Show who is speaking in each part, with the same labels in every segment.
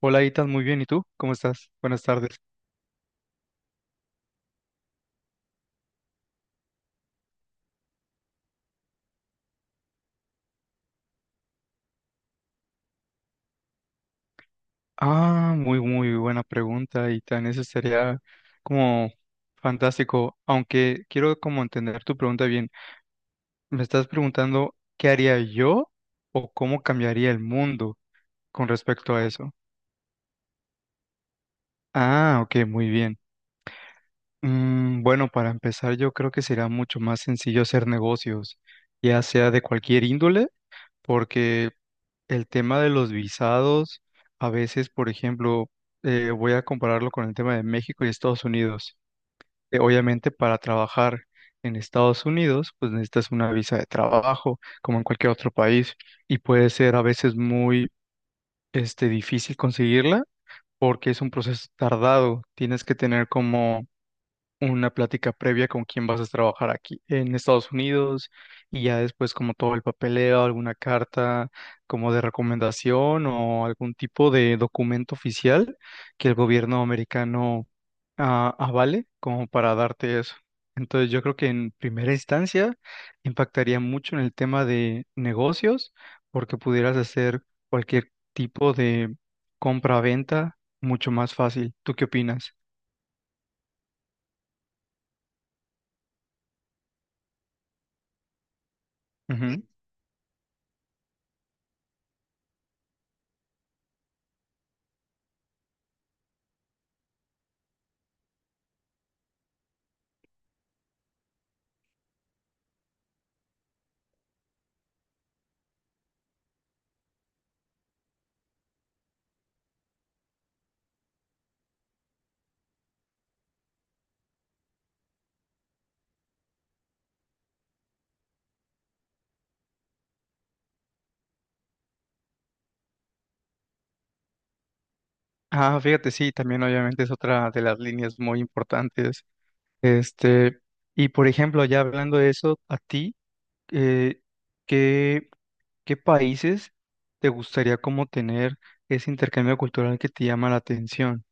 Speaker 1: Hola, Itan, muy bien. ¿Y tú? ¿Cómo estás? Buenas tardes. Ah, muy, muy buena pregunta, Itan. Eso sería como fantástico, aunque quiero como entender tu pregunta bien. Me estás preguntando qué haría yo o cómo cambiaría el mundo con respecto a eso. Ah, ok, muy bien. Bueno, para empezar, yo creo que será mucho más sencillo hacer negocios, ya sea de cualquier índole, porque el tema de los visados, a veces, por ejemplo, voy a compararlo con el tema de México y Estados Unidos. Obviamente, para trabajar en Estados Unidos, pues necesitas una visa de trabajo, como en cualquier otro país, y puede ser a veces muy, difícil conseguirla porque es un proceso tardado. Tienes que tener como una plática previa con quién vas a trabajar aquí en Estados Unidos, y ya después como todo el papeleo, alguna carta como de recomendación o algún tipo de documento oficial que el gobierno americano avale como para darte eso. Entonces yo creo que en primera instancia impactaría mucho en el tema de negocios porque pudieras hacer cualquier tipo de compra-venta mucho más fácil. ¿Tú qué opinas? Ujú. Ah, fíjate, sí, también obviamente es otra de las líneas muy importantes. Este, y por ejemplo, ya hablando de eso, a ti, eh, ¿qué, qué países te gustaría como tener ese intercambio cultural que te llama la atención?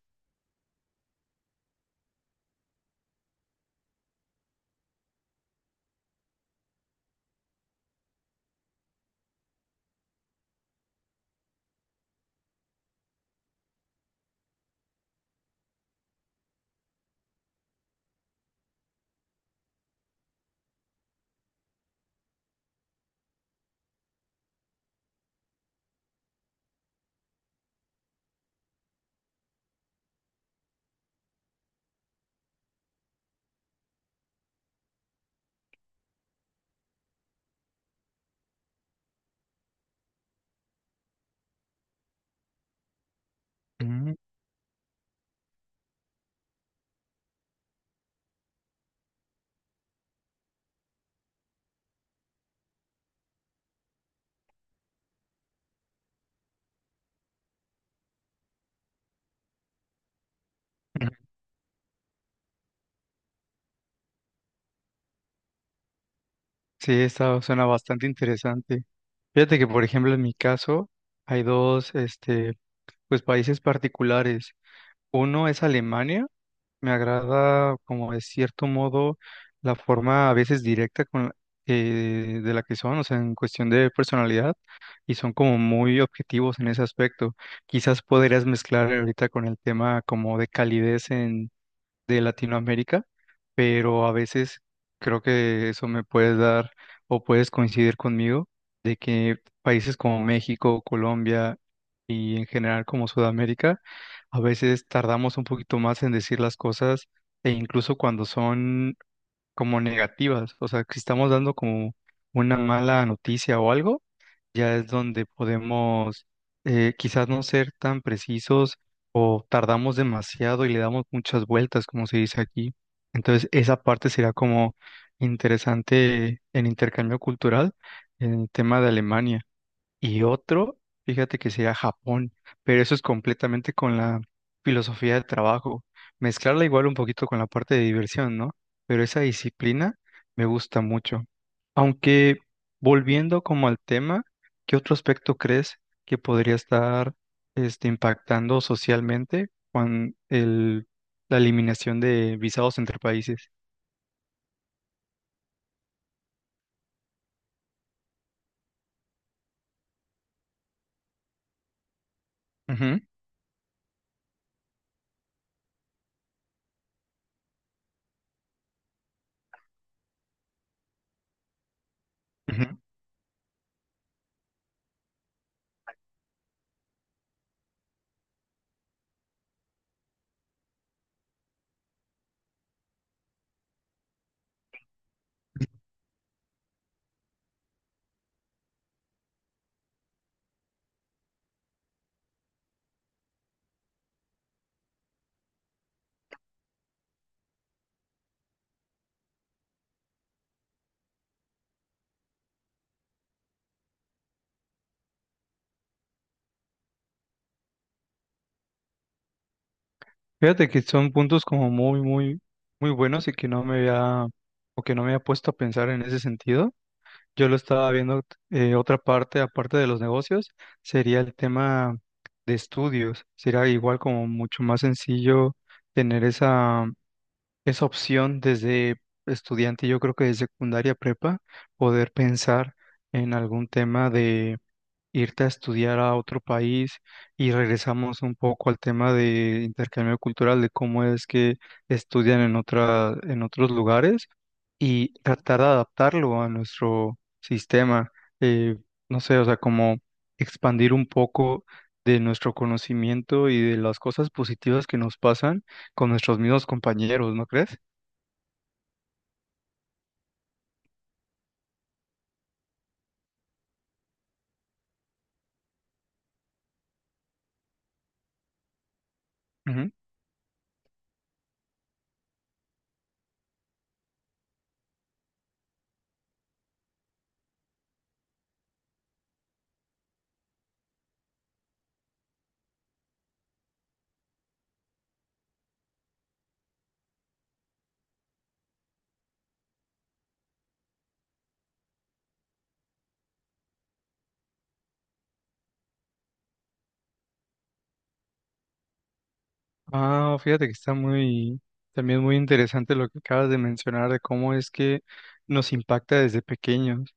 Speaker 1: Mm, sí, esta suena bastante interesante. Fíjate que, por ejemplo, en mi caso, hay dos, pues países particulares. Uno es Alemania. Me agrada, como de cierto modo, la forma a veces directa de la que son, o sea, en cuestión de personalidad, y son como muy objetivos en ese aspecto. Quizás podrías mezclar ahorita con el tema como de calidez de Latinoamérica, pero a veces creo que eso me puedes dar o puedes coincidir conmigo de que países como México, Colombia y en general como Sudamérica, a veces tardamos un poquito más en decir las cosas, e incluso cuando son como negativas, o sea, que estamos dando como una mala noticia o algo, ya es donde podemos quizás no ser tan precisos, o tardamos demasiado y le damos muchas vueltas, como se dice aquí. Entonces, esa parte será como interesante en intercambio cultural en el tema de Alemania. Y otro, fíjate que sería Japón, pero eso es completamente con la filosofía de trabajo. Mezclarla igual un poquito con la parte de diversión, ¿no? Pero esa disciplina me gusta mucho. Aunque volviendo como al tema, ¿qué otro aspecto crees que podría estar impactando socialmente con la eliminación de visados entre países? Ujú, ujú. Fíjate que son puntos como muy, muy, muy buenos y que no me había, o que no me había puesto a pensar en ese sentido. Yo lo estaba viendo, otra parte, aparte de los negocios, sería el tema de estudios. Sería igual como mucho más sencillo tener esa opción desde estudiante, yo creo que de secundaria prepa, poder pensar en algún tema, irte a estudiar a otro país, y regresamos un poco al tema de intercambio cultural, de cómo es que estudian en otros lugares y tratar de adaptarlo a nuestro sistema. eh, no sé, o sea, como expandir un poco de nuestro conocimiento y de las cosas positivas que nos pasan con nuestros mismos compañeros, ¿no crees? Ah, fíjate que está muy, también muy interesante lo que acabas de mencionar de cómo es que nos impacta desde pequeños,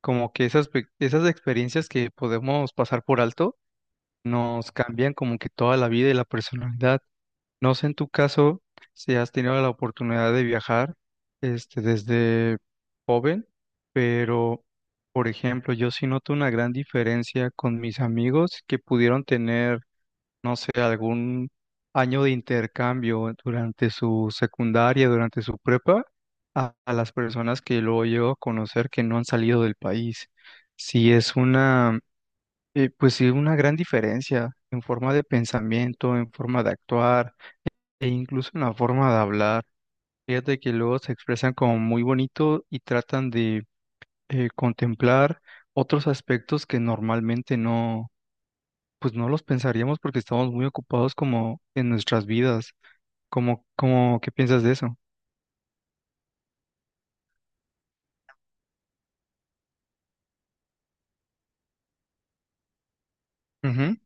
Speaker 1: como que esas, esas experiencias que podemos pasar por alto, nos cambian como que toda la vida y la personalidad. No sé en tu caso si has tenido la oportunidad de viajar, desde joven, pero por ejemplo, yo sí noto una gran diferencia con mis amigos que pudieron tener, no sé, algún año de intercambio durante su secundaria, durante su prepa, a las personas que luego llego a conocer que no han salido del país. Sí es pues sí, una gran diferencia en forma de pensamiento, en forma de actuar, e incluso en la forma de hablar. Fíjate que luego se expresan como muy bonito y tratan de contemplar otros aspectos que normalmente no, pues no los pensaríamos porque estamos muy ocupados como en nuestras vidas. Como, ¿qué piensas de eso? Ujú,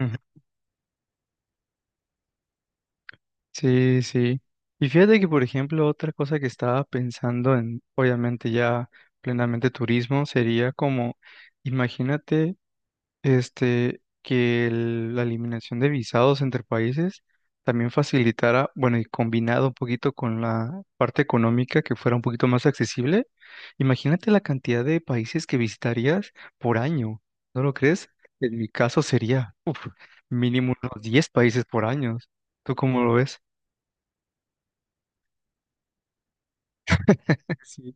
Speaker 1: ujú. Sí, sí. Y fíjate que, por ejemplo, otra cosa que estaba pensando en, obviamente ya plenamente turismo, sería como, imagínate, que la eliminación de visados entre países también facilitara, bueno, y combinado un poquito con la parte económica que fuera un poquito más accesible, imagínate la cantidad de países que visitarías por año, ¿no lo crees? En mi caso sería, uf, mínimo unos 10 países por año. ¿Tú cómo lo ves? Sí.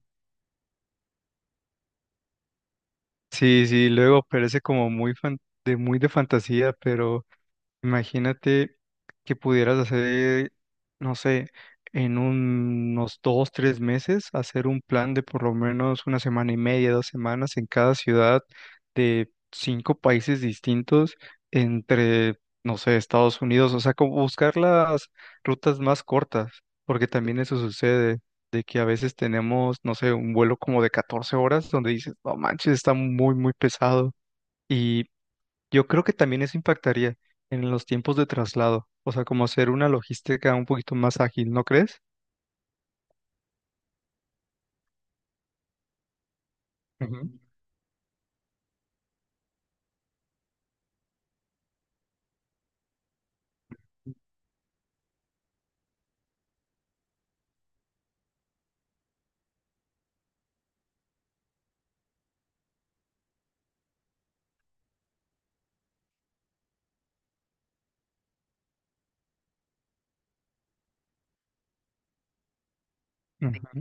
Speaker 1: Sí, sí, luego parece como muy de muy de fantasía, pero imagínate que pudieras hacer, no sé, en unos 2, 3 meses, hacer un plan de por lo menos una semana y media, 2 semanas en cada ciudad de 5 países distintos, entre, no sé, Estados Unidos, o sea, como buscar las rutas más cortas, porque también eso sucede, de que a veces tenemos, no sé, un vuelo como de 14 horas donde dices, no manches, está muy, muy pesado. Y yo creo que también eso impactaría en los tiempos de traslado, o sea, como hacer una logística un poquito más ágil, ¿no crees? Ujú. Ujú.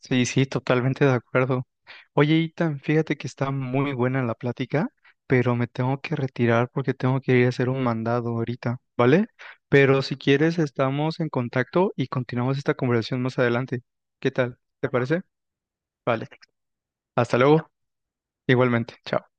Speaker 1: Sí, sí, totalmente de acuerdo. Oye, Itan, fíjate que está muy buena la plática, pero me tengo que retirar porque tengo que ir a hacer un mandado ahorita, ¿vale? Pero si quieres, estamos en contacto y continuamos esta conversación más adelante. ¿Qué tal? ¿Te parece? Vale. Hasta luego. Igualmente. Chao.